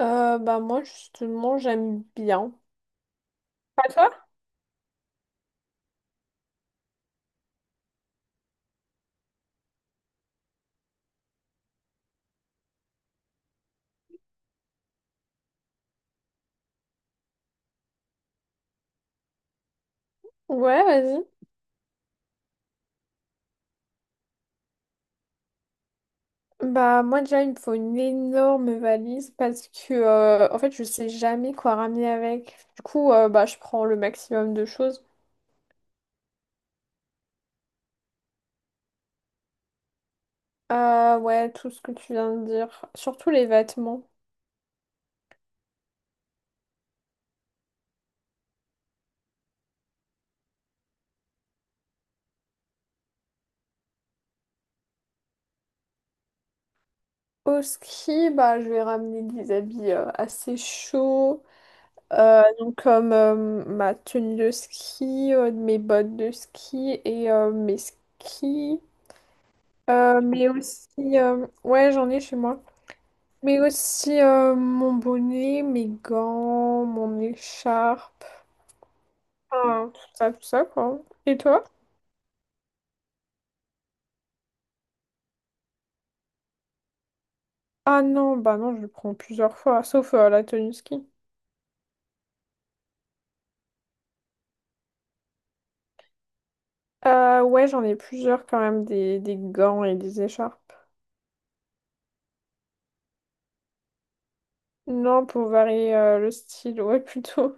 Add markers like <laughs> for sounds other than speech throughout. Bah moi justement j'aime bien. Pas toi? Ouais, vas-y. Bah moi déjà il me faut une énorme valise parce que en fait je sais jamais quoi ramener avec. Du coup bah je prends le maximum de choses. Ouais, tout ce que tu viens de dire, surtout les vêtements. Au ski, bah je vais ramener des habits assez chauds. Donc comme ma tenue de ski, mes bottes de ski et mes skis. Mais aussi, ouais, j'en ai chez moi. Mais aussi mon bonnet, mes gants, mon écharpe, enfin, tout ça, quoi. Et toi? Ah non, bah non, je le prends plusieurs fois, sauf la tenue ski. Ouais, j'en ai plusieurs quand même, des gants et des écharpes. Non, pour varier le style, ouais, <laughs> plutôt.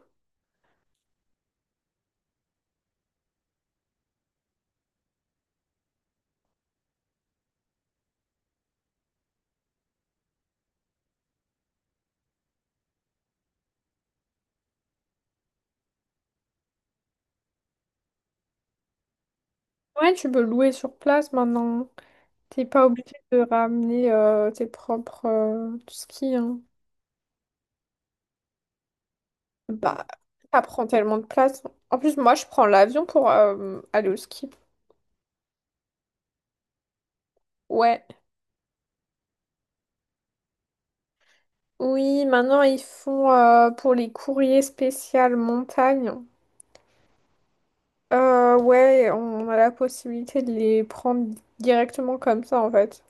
Ouais, tu peux louer sur place maintenant. T'es pas obligé de ramener tes propres skis, hein. Bah, ça prend tellement de place. En plus, moi, je prends l'avion pour aller au ski. Ouais. Oui, maintenant, ils font pour les courriers spéciaux montagne. Ouais, on a la possibilité de les prendre directement comme ça, en fait.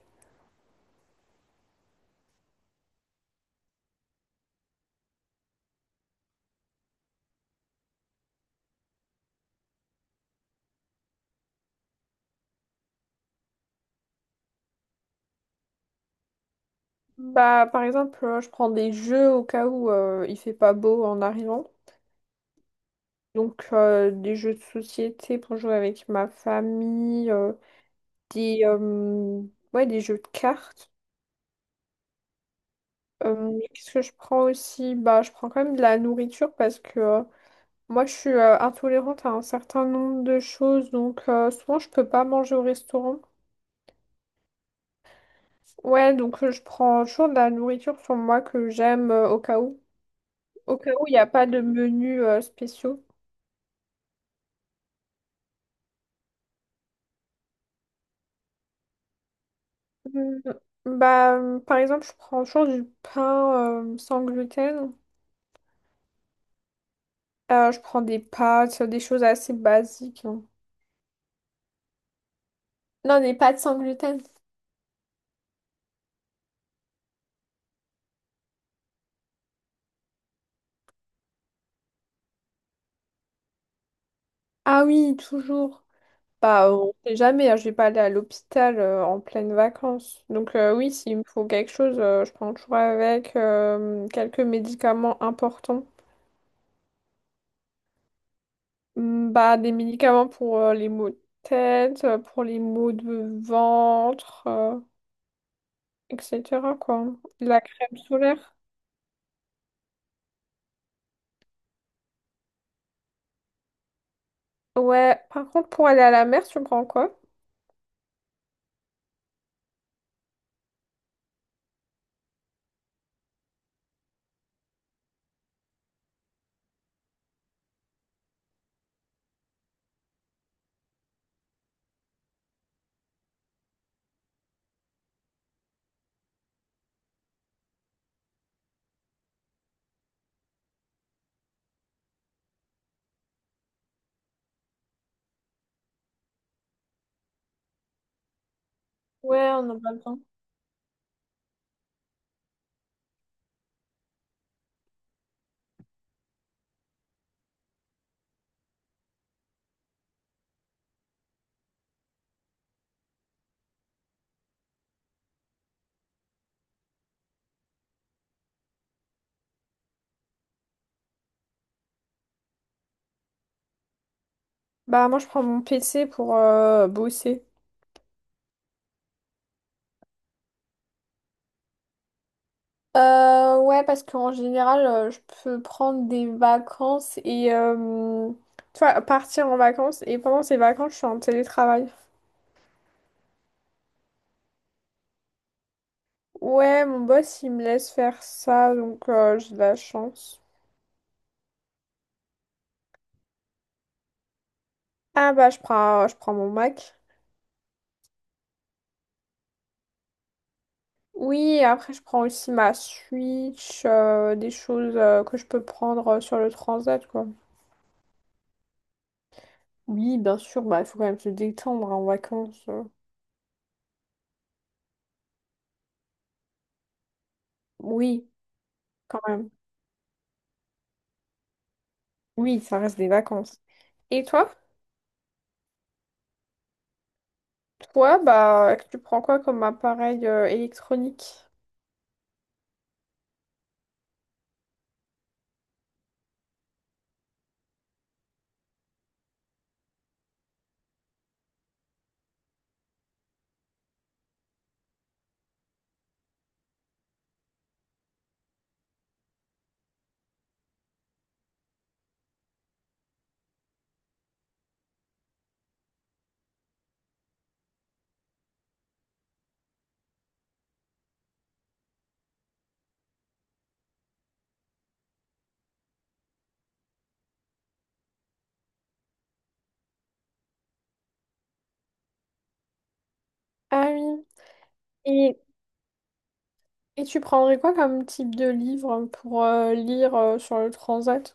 Bah, par exemple, je prends des jeux au cas où il fait pas beau en arrivant. Donc, des jeux de société pour jouer avec ma famille, des, euh, ouais, des jeux de cartes. Qu'est-ce que je prends aussi? Bah, je prends quand même de la nourriture parce que moi, je suis intolérante à un certain nombre de choses. Donc, souvent, je peux pas manger au restaurant. Ouais, donc je prends toujours de la nourriture sur moi que j'aime au cas où. Au cas où, il n'y a pas de menu spéciaux. Mm, Bah, par exemple, je prends toujours du pain sans gluten. Je prends des pâtes, des choses assez basiques, hein. Non, des pâtes sans gluten. Ah oui, toujours. Bah, on sait jamais, hein, je vais pas aller à l'hôpital en pleine vacances. Donc oui, s'il me faut quelque chose, je prends toujours avec quelques médicaments importants. Bah, des médicaments pour les maux de tête, pour les maux de ventre, etc., quoi. La crème solaire. Ouais, par contre, pour aller à la mer, tu prends quoi? Ouais, on en a besoin. Bah, moi, je prends mon PC pour bosser. Ouais, parce qu'en général, je peux prendre des vacances et tu vois, partir en vacances et pendant ces vacances, je suis en télétravail. Ouais, mon boss, il me laisse faire ça, donc j'ai de la chance. Ah bah, je prends mon Mac. Oui, et après, je prends aussi ma Switch, des choses que je peux prendre sur le transat, quoi. Oui, bien sûr, bah, il faut quand même se détendre en vacances, Oui, quand même. Oui, ça reste des vacances. Et toi? Toi, bah, tu prends quoi comme appareil électronique? Ah oui. Et, et tu prendrais quoi comme type de livre pour lire sur le transat?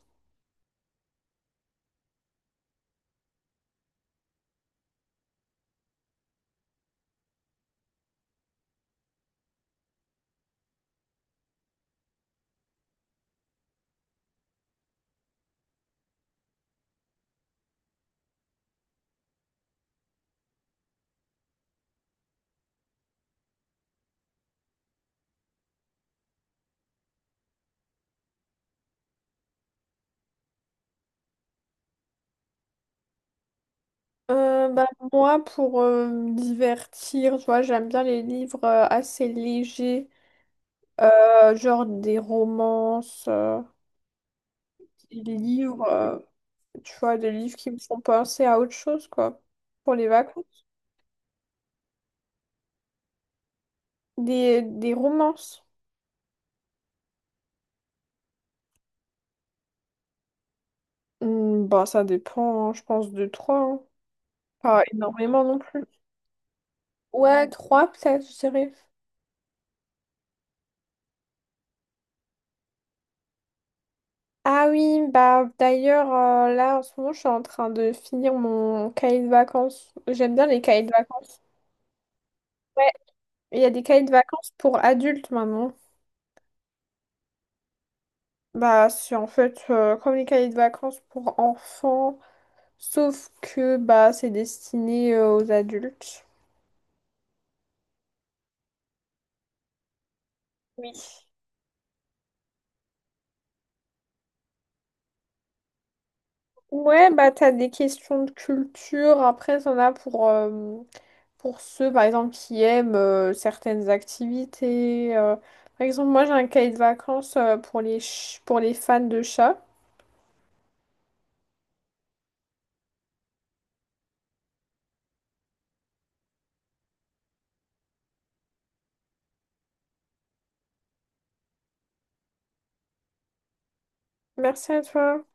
Bah, moi, pour me divertir, tu vois, j'aime bien les livres assez légers, genre des romances, des livres, euh, tu vois, des livres qui me font penser à autre chose, quoi, pour les vacances. Des romances. Bah, ça dépend, hein, je pense, de toi, hein. Pas énormément non plus. Ouais, trois peut-être, je dirais. Ah oui, bah d'ailleurs, là en ce moment, je suis en train de finir mon cahier de vacances. J'aime bien les cahiers de vacances. Ouais, il y a des cahiers de vacances pour adultes maintenant. Bah, c'est en fait comme les cahiers de vacances pour enfants, sauf que bah c'est destiné aux adultes. Oui. Ouais, bah t'as des questions de culture, après t'en as pour pour ceux, par exemple, qui aiment certaines activités, par exemple, moi, j'ai un cahier de vacances pour les, pour les fans de chats. Merci à toi.